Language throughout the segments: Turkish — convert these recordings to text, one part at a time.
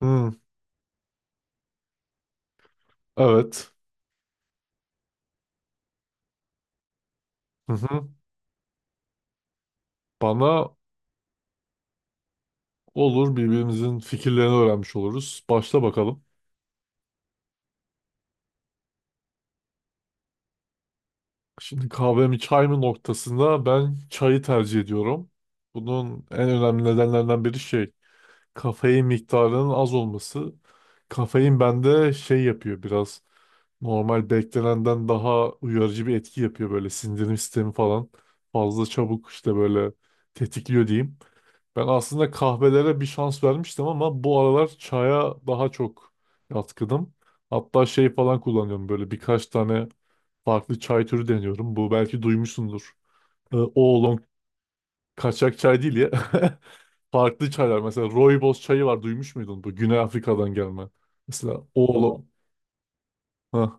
Hmm, evet. Hı hı. Bana olur birbirimizin fikirlerini öğrenmiş oluruz. Başla bakalım. Şimdi kahve mi çay mı noktasında ben çayı tercih ediyorum. Bunun en önemli nedenlerinden biri kafein miktarının az olması. Kafein bende şey yapıyor biraz. Normal beklenenden daha uyarıcı bir etki yapıyor böyle sindirim sistemi falan. Fazla çabuk işte böyle tetikliyor diyeyim. Ben aslında kahvelere bir şans vermiştim ama bu aralar çaya daha çok yatkınım. Hatta şey falan kullanıyorum böyle birkaç tane farklı çay türü deniyorum. Bu belki duymuşsundur. Oolong kaçak çay değil ya. Farklı çaylar. Mesela rooibos çayı var duymuş muydun? Bu Güney Afrika'dan gelme. Mesela oolong. Ha,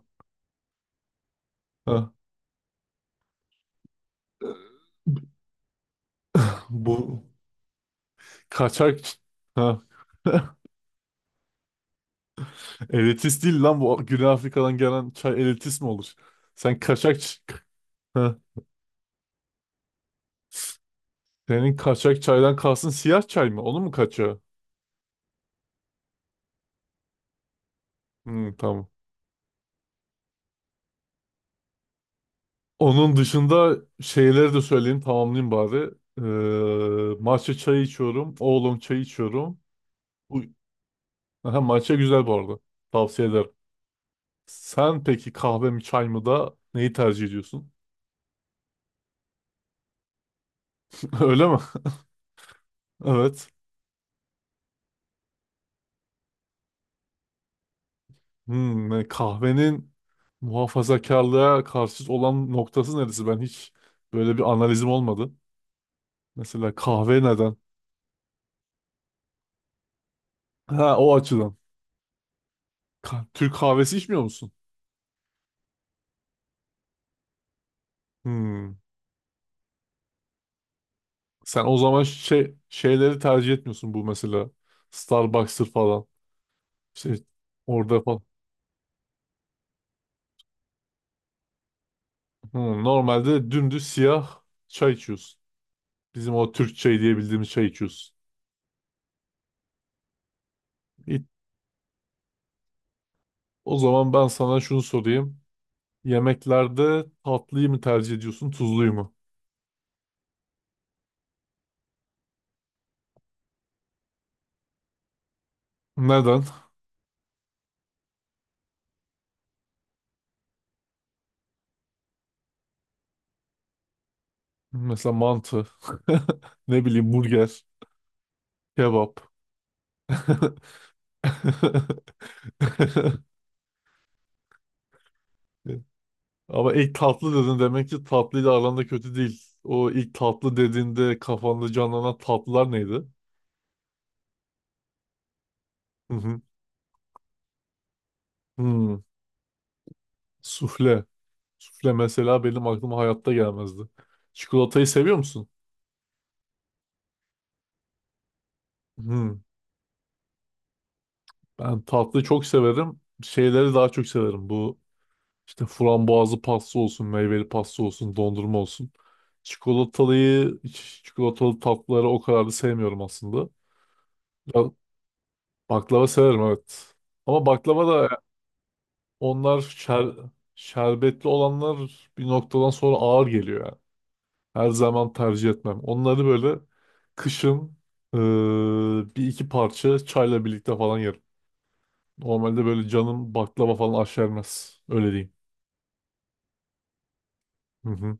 ha. Bu kaçak... Ha. Elitist değil lan, bu Güney Afrika'dan gelen çay elitist mi olur? Sen kaçak... Ha. Senin kaçak çaydan kalsın, siyah çay mı? Onun mu kaçağı? Hmm, tamam. Onun dışında şeyleri de söyleyeyim, tamamlayayım bari. Matcha çayı içiyorum. Oolong çayı içiyorum. Bu, aha, matcha güzel bu arada. Tavsiye ederim. Sen peki kahve mi çay mı, da neyi tercih ediyorsun? Öyle mi? Evet. Yani kahvenin muhafazakarlığa karşı olan noktası neresi? Ben hiç böyle bir analizim olmadı. Mesela kahve neden? Ha, o açıdan. Türk kahvesi içmiyor musun? Hmm. Sen o zaman şeyleri tercih etmiyorsun, bu mesela. Starbucks'tır falan. İşte orada falan. Normalde dümdüz siyah çay içiyorsun. Bizim o Türk çayı diye bildiğimiz çay içiyorsun. İ- O zaman ben sana şunu sorayım. Yemeklerde tatlıyı mı tercih ediyorsun, tuzluyu mu? Neden? Mesela mantı, ne bileyim, burger, kebap. Ama ilk tatlı dedin, demek ki tatlıyla aranda kötü değil. O ilk tatlı dediğinde kafanda canlanan tatlılar neydi? Hı hı. Hmm, Sufle. Sufle mesela benim aklıma hayatta gelmezdi. Çikolatayı seviyor musun? Hmm, Ben tatlıyı çok severim. Şeyleri daha çok severim. Bu işte, frambuazlı pasta olsun, meyveli pasta olsun, dondurma olsun. Çikolatalıyı, çikolatalı tatlıları o kadar da sevmiyorum aslında. Ya, baklava severim, evet. Ama baklava da... Onlar şerbetli olanlar bir noktadan sonra ağır geliyor yani. Her zaman tercih etmem. Onları böyle kışın, eee, bir iki parça çayla birlikte falan yerim. Normalde böyle canım baklava falan aşermez. Öyle diyeyim. Hı hı.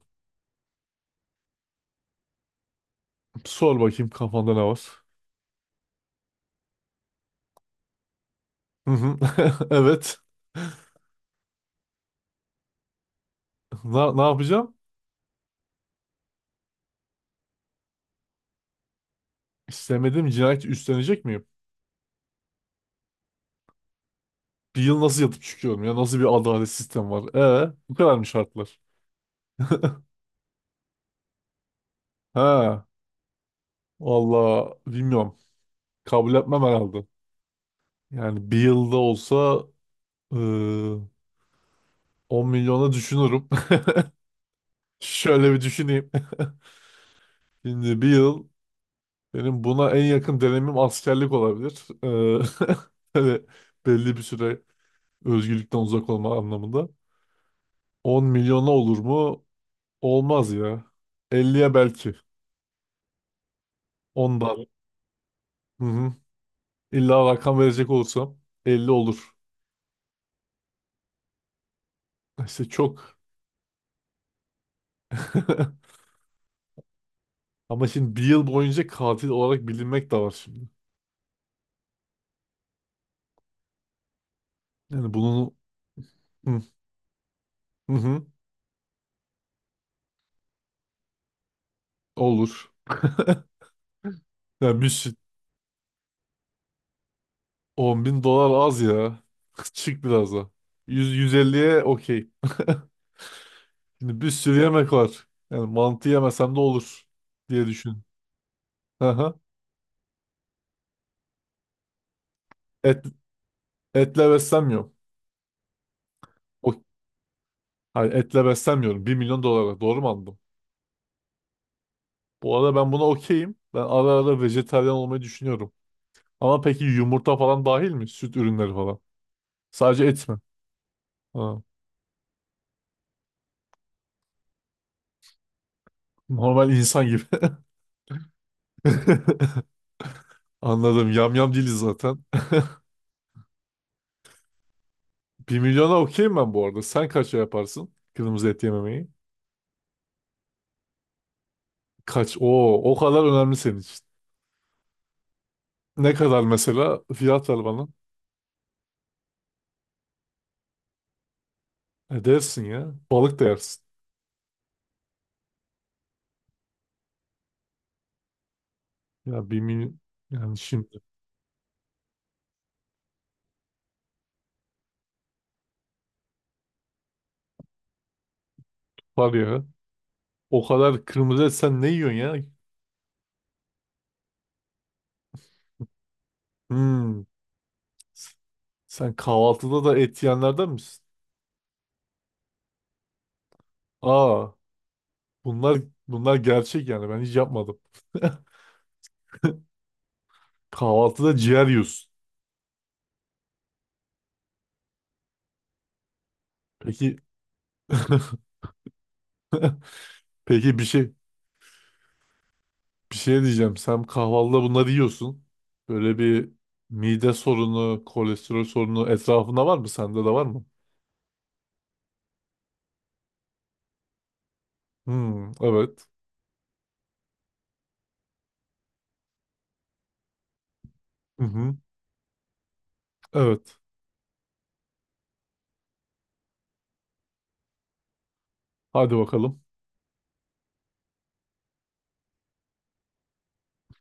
Sor bakayım, kafanda ne var? Hı hı. Evet. Ne yapacağım? İstemediğim cinayeti üstlenecek miyim? Bir yıl nasıl yatıp çıkıyorum ya? Nasıl bir adalet sistemi var? Bu kadar mı şartlar? Ha, valla bilmiyorum. Kabul etmem herhalde. Yani bir yılda olsa, eee 10 milyona düşünürüm. Şöyle bir düşüneyim. Şimdi bir yıl, benim buna en yakın dönemim askerlik olabilir. Böyle belli bir süre özgürlükten uzak olma anlamında. 10 milyona olur mu? Olmaz ya. 50'ye belki. 10'dan. Hı hı. İlla rakam verecek olursam 50 olur. İşte çok. Ama şimdi bir yıl boyunca katil olarak bilinmek de var şimdi. Yani bunun... Hı. Hı hı. Olur. Ya bir şey. 10 bin dolar az ya. Çık biraz da. 150'ye okey. Şimdi bir sürü yemek var. Yani mantı yemesem de olur diye düşün. Hı hı. Et, etle beslenmiyorum. O, hayır, etle beslenmiyorum. Bir milyon dolara. Doğru mu anladım? Bu arada ben buna okeyim. Ben ara ara vejetaryen olmayı düşünüyorum. Ama peki yumurta falan dahil mi? Süt ürünleri falan. Sadece et mi? Ha. Normal insan gibi. Anladım. Yamyam değiliz zaten. Bir milyona okeyim ben bu arada. Sen kaça yaparsın kırmızı et yememeyi? Kaç? Oo, o kadar önemli senin için. Ne kadar mesela? Fiyat ver bana. E dersin ya. Balık da yersin. Ya bir milyon. Yani şimdi var ya, o kadar kırmızı et sen ne yiyorsun ya? Hmm. Sen kahvaltıda da et yiyenlerden misin? Aa, bunlar bunlar gerçek yani. Ben hiç yapmadım. Kahvaltıda ciğer yiyorsun. Peki peki bir şey Bir şey diyeceğim. Sen kahvaltıda bunları yiyorsun. Böyle bir mide sorunu, kolesterol sorunu etrafında var mı? Sende de var mı? Hmm, evet. Hı hı, evet. Hadi bakalım.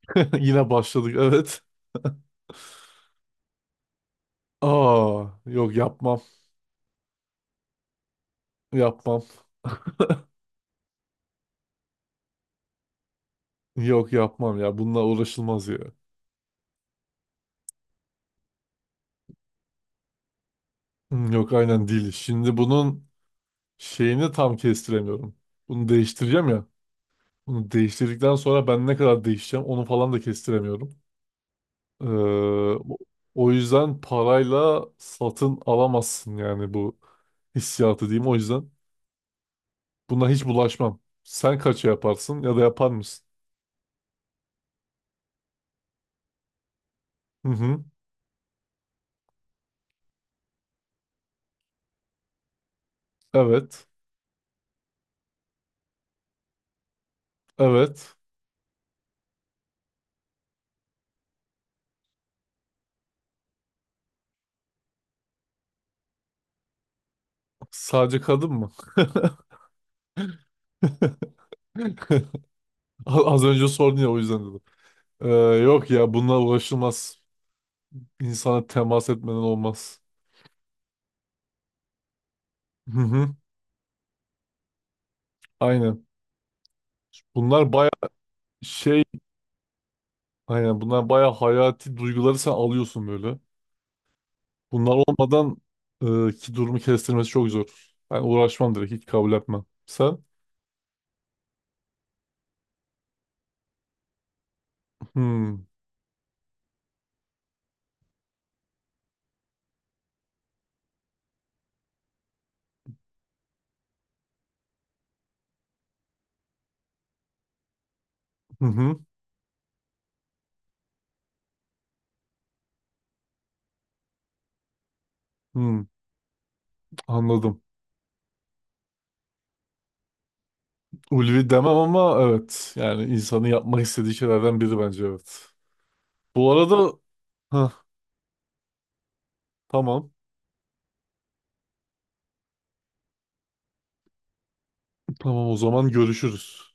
Yine başladık. Evet. Aa, yok yapmam. Yapmam. Yok yapmam ya. Bununla uğraşılmaz ya. Hmm, yok aynen değil. Şimdi bunun şeyini tam kestiremiyorum. Bunu değiştireceğim ya. Bunu değiştirdikten sonra ben ne kadar değişeceğim, onu falan da kestiremiyorum. Ee, o o yüzden parayla satın alamazsın, yani bu hissiyatı diyeyim. O yüzden buna hiç bulaşmam. Sen kaça yaparsın, ya da yapar mısın? Hı hı. Evet. Evet. Sadece kadın mı? Az önce sordun ya, o yüzden dedim. Ee, yok ya, bunlar uğraşılmaz. İnsana temas etmeden olmaz. Hı hı. Aynen. Bunlar baya şey aynen Bunlar baya hayati duyguları sen alıyorsun böyle. Bunlar olmadan, ki durumu kestirmesi çok zor. Ben uğraşmam, direkt hiç kabul etmem. Sen? Hmm, hı hı, hmm, anladım. Ulvi demem ama evet. Yani insanın yapmak istediği şeylerden biri, bence evet. Bu arada... Heh, tamam. Tamam, o zaman görüşürüz.